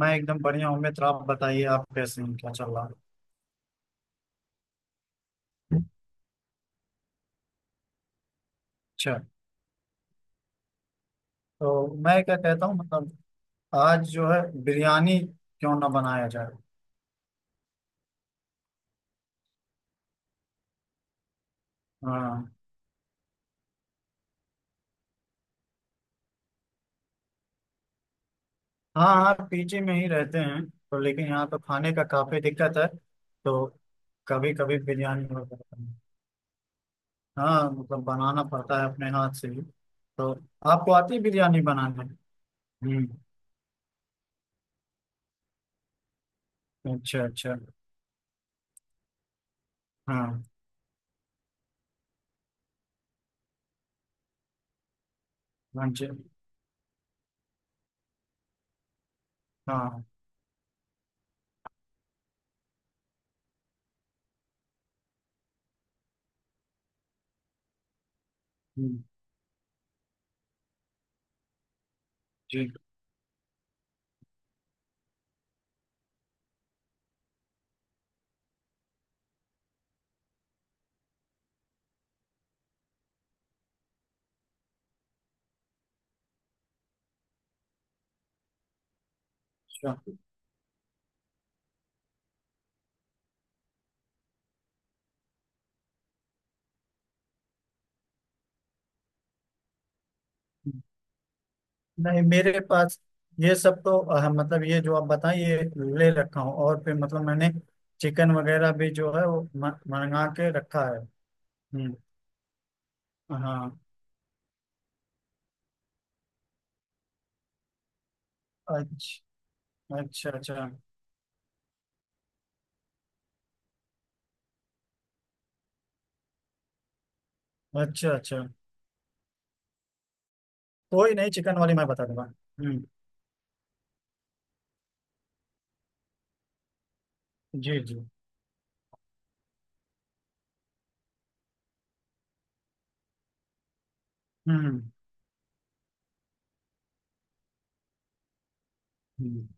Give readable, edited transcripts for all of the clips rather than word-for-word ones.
मैं एकदम बढ़िया हूँ मित्र। आप बताइए, आप कैसे हैं? क्या चल रहा है? अच्छा। तो मैं क्या कहता हूँ, मतलब आज जो है बिरयानी क्यों ना बनाया जाए। हाँ, हाँ। हाँ, पीजी में ही रहते हैं। तो लेकिन यहाँ तो खाने का काफी दिक्कत है। तो कभी कभी बिरयानी हो जाता है। हाँ, मतलब बनाना पड़ता है अपने हाथ से ही। तो आपको आती है बिरयानी बनाने? हम्म। अच्छा, अच्छा। हाँ। हाँ जी। हाँ। हम्म। जी। अच्छा। नहीं, मेरे पास ये सब तो मतलब ये जो आप बताएं ये ले रखा हूँ। और फिर मतलब मैंने चिकन वगैरह भी जो है वो मंगा के रखा है। हम्म। हाँ। अच्छा, अच्छा, अच्छा। अच्छा, अच्छा। कोई नहीं, चिकन वाली मैं बता दूंगा। हम्म। जी जी। हम्म। हम्म।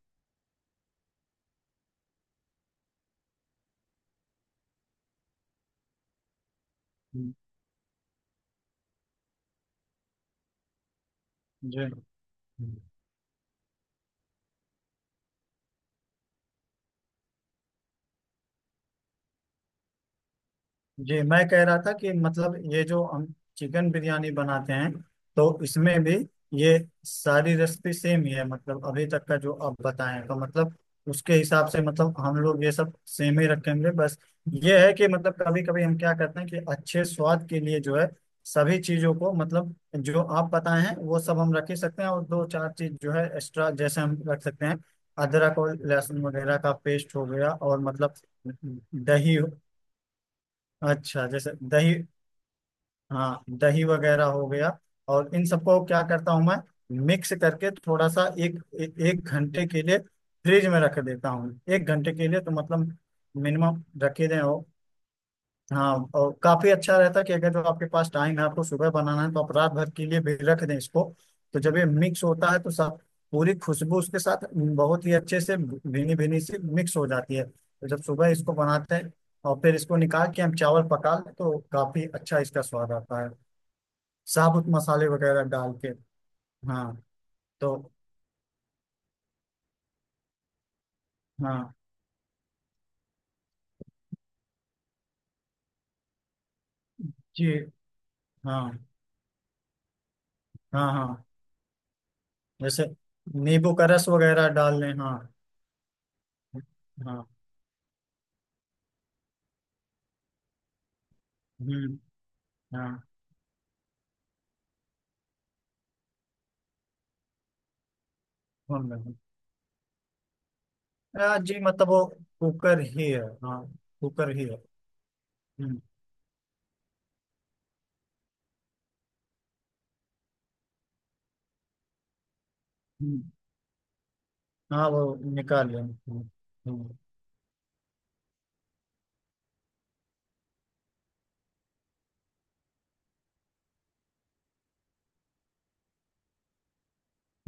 हम्म। जी जी। मैं कह रहा था कि मतलब ये जो हम चिकन बिरयानी बनाते हैं तो इसमें भी ये सारी रेसिपी सेम ही है। मतलब अभी तक का जो आप बताएं तो मतलब उसके हिसाब से मतलब हम लोग ये सब सेम ही रखेंगे। बस ये है कि मतलब कभी कभी हम क्या करते हैं कि अच्छे स्वाद के लिए जो है सभी चीजों को, मतलब जो आप बताए हैं वो सब हम रख ही सकते हैं, और दो चार चीज जो है एक्स्ट्रा जैसे हम रख सकते हैं। अदरक और लहसुन वगैरह का पेस्ट हो गया, और मतलब दही। अच्छा, जैसे दही। हाँ, दही वगैरह हो गया। और इन सबको क्या करता हूँ मैं, मिक्स करके थोड़ा सा एक घंटे के लिए फ्रिज में रख देता हूँ। 1 घंटे के लिए तो मतलब मिनिमम रखे दें हो। हाँ, और काफी अच्छा रहता है कि अगर जो आपके पास टाइम है आपको सुबह बनाना है तो आप रात भर के लिए भी रख दें इसको। तो जब ये मिक्स होता है तो सब पूरी खुशबू उसके साथ बहुत ही अच्छे से भीनी भीनी सी मिक्स हो जाती है, तो जब सुबह इसको बनाते हैं और फिर इसको निकाल के हम चावल पका लें तो काफी अच्छा इसका स्वाद आता है, साबुत मसाले वगैरह डाल के। हाँ। तो हाँ। जी। हाँ। हाँ। हाँ। जैसे नींबू का रस वगैरह डाल लें। हाँ। हाँ। हम्म। हाँ। हाँ। हाँ जी, मतलब वो कुकर ही है। हाँ, कुकर ही है। हम्म। हम्म, हाँ वो निकाल लें। हम्म। हम्म।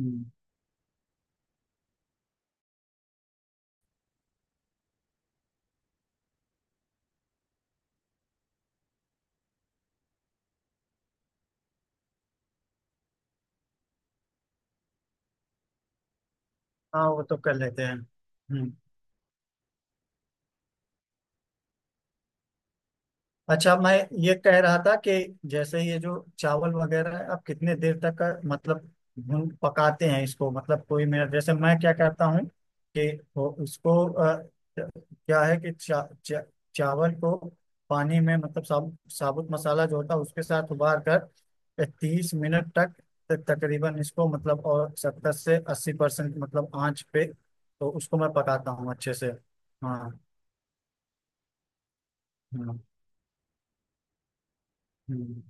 हम्म। हाँ, वो तो कर लेते हैं। हम्म। अच्छा, मैं ये कह रहा था कि जैसे ये जो चावल वगैरह है आप कितने देर तक का मतलब भून पकाते हैं इसको? मतलब कोई मेरा जैसे मैं क्या करता हूँ कि वो क्या है कि चा, चा, चावल को पानी में, मतलब साबुत साबुत मसाला जो होता है उसके साथ उबाल कर 30 मिनट तक तक तकरीबन इसको, मतलब और 70 से 80% मतलब आंच पे तो उसको मैं पकाता हूँ अच्छे से। हाँ। हाँ। हम्म,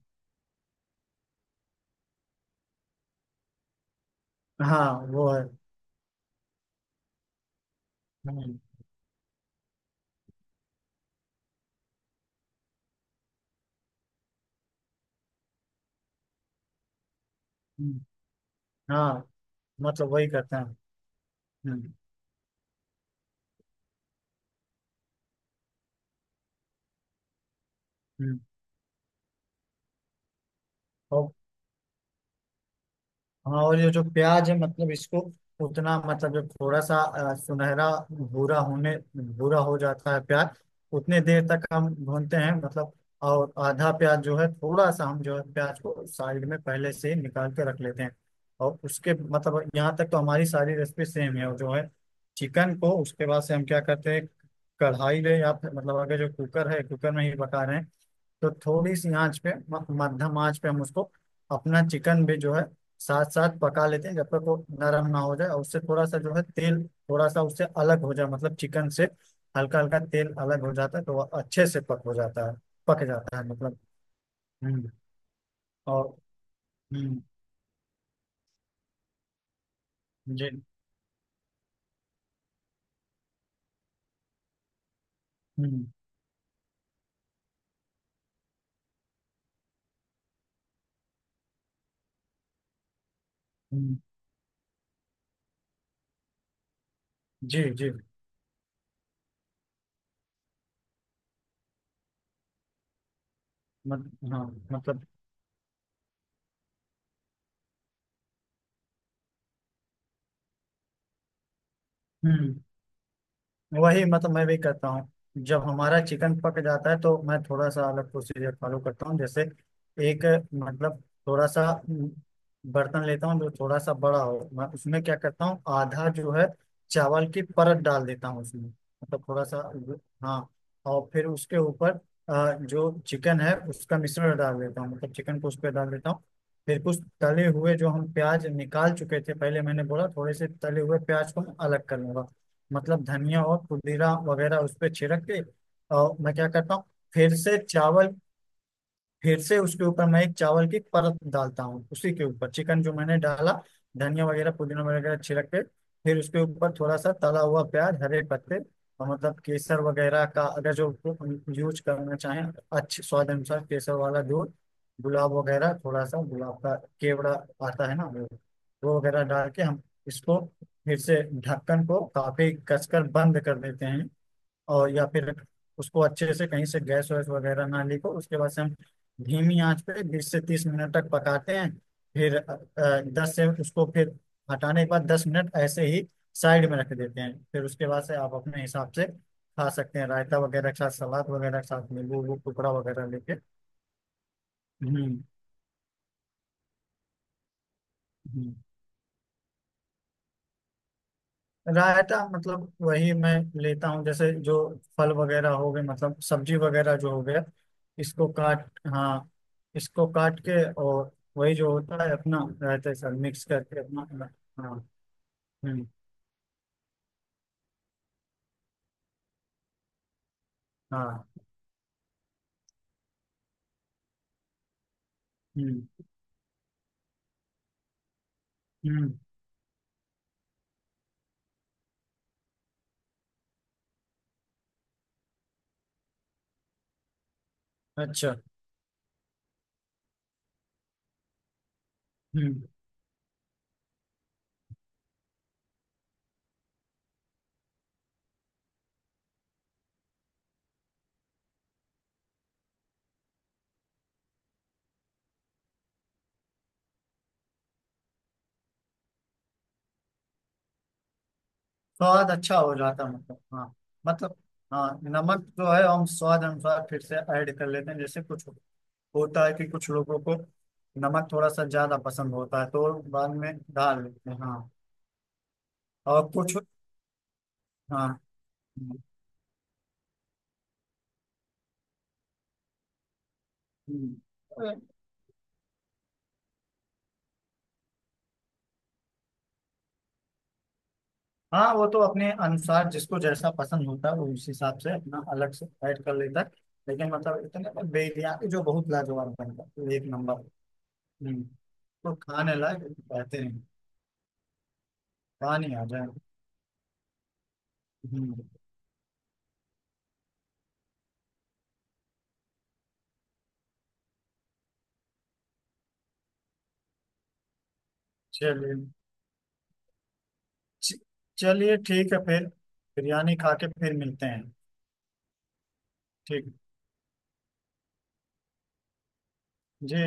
हाँ वो है। हम्म, हाँ मतलब वही करते हैं। हम्म। हम्म। और हाँ, और ये जो प्याज है मतलब इसको उतना मतलब जब थोड़ा सा सुनहरा भूरा होने भूरा हो जाता है प्याज उतने देर तक हम भूनते हैं, मतलब। और आधा प्याज जो है थोड़ा सा हम जो है प्याज को साइड में पहले से ही निकाल के रख लेते हैं। और उसके मतलब यहाँ तक तो हमारी सारी रेसिपी सेम है। और जो है चिकन को उसके बाद से हम क्या करते हैं, कढ़ाई ले या फिर मतलब अगर जो कुकर है कुकर में ही पका रहे हैं तो थोड़ी सी आंच पे मध्यम आंच पे हम उसको अपना चिकन भी जो है साथ साथ पका लेते हैं जब तक वो नरम ना हो जाए, और उससे थोड़ा सा जो है तेल थोड़ा सा उससे अलग हो जाए, मतलब चिकन से हल्का हल्का तेल अलग हो जाता है तो वह अच्छे से पक हो जाता है, पक जाता है मतलब। हम्म। और हम्म। जी। हम्म। हम्म, जी जी। मत, हाँ, मतलब। हम्म, वही मतलब मैं भी करता हूँ। जब हमारा चिकन पक जाता है तो मैं थोड़ा सा अलग प्रोसीजर फॉलो करता हूँ। जैसे एक, मतलब थोड़ा सा म, बर्तन लेता हूँ जो थोड़ा सा बड़ा हो, मैं उसमें क्या करता हूँ, आधा जो है चावल की परत डाल देता हूँ उसमें, मतलब थोड़ा सा जो- हाँ। और फिर उसके ऊपर जो चिकन है उसका मिश्रण डाल देता हूँ, मतलब चिकन को उस पर डाल देता हूँ। फिर कुछ तले हुए जो हम प्याज निकाल चुके थे, पहले मैंने बोला थोड़े से तले हुए प्याज को मैं अलग कर लूंगा, मतलब धनिया और पुदीना वगैरह उस पे छिड़क के। और मैं क्या करता हूँ फिर से चावल, फिर से उसके ऊपर मैं एक चावल की परत डालता हूँ, उसी के ऊपर चिकन जो मैंने डाला, धनिया वगैरह पुदीना वगैरह छिड़क के, फिर उसके ऊपर थोड़ा सा तला हुआ प्याज, हरे पत्ते और मतलब केसर वगैरह का अगर जो यूज करना चाहें अच्छे स्वाद अनुसार, केसर वाला दूध, गुलाब वगैरह, थोड़ा सा गुलाब का, केवड़ा आता है ना वो वगैरह डाल के हम इसको फिर से ढक्कन को काफी कसकर बंद कर देते हैं। और या फिर उसको अच्छे से कहीं से गैस वैस वगैरह ना लीक हो, उसके बाद से हम धीमी आंच पे 20 से 30 मिनट तक पकाते हैं। फिर दस से उसको फिर हटाने के बाद 10 मिनट ऐसे ही साइड में रख देते हैं। फिर उसके बाद से आप अपने हिसाब से खा सकते हैं रायता वगैरह के साथ, सलाद वगैरह के साथ, नींबू वूबू टुकड़ा वगैरह लेके। हम्म। हम्म। रायता मतलब वही मैं लेता हूँ, जैसे जो फल वगैरह हो गए, मतलब सब्जी वगैरह जो हो गया इसको काट, हाँ इसको काट के, और वही जो होता है अपना रायते सर मिक्स करके अपना। हाँ। हम्म। हाँ। हम्म। हम्म। अच्छा। हम्म। स्वाद अच्छा हो जाता मतलब, हाँ मतलब। हाँ, नमक जो है हम स्वाद अनुसार फिर से ऐड कर लेते हैं, जैसे कुछ होता है कि कुछ लोगों को नमक थोड़ा सा ज्यादा पसंद होता है तो बाद में डाल लेते हैं। हाँ, और कुछ। हाँ। हम्म, हाँ वो तो अपने अनुसार जिसको जैसा पसंद होता है वो उस हिसाब से अपना अलग से ऐड कर लेता है, लेकिन मतलब इतने बिरयानी जो बहुत लाजवाब बनता है, एक नंबर। हम्म, तो खाने लायक कहते हैं। पानी आ जाए। हम्म। चलिए। च- चलिए ठीक है, फिर बिरयानी खा के फिर मिलते हैं। ठीक। जी जी।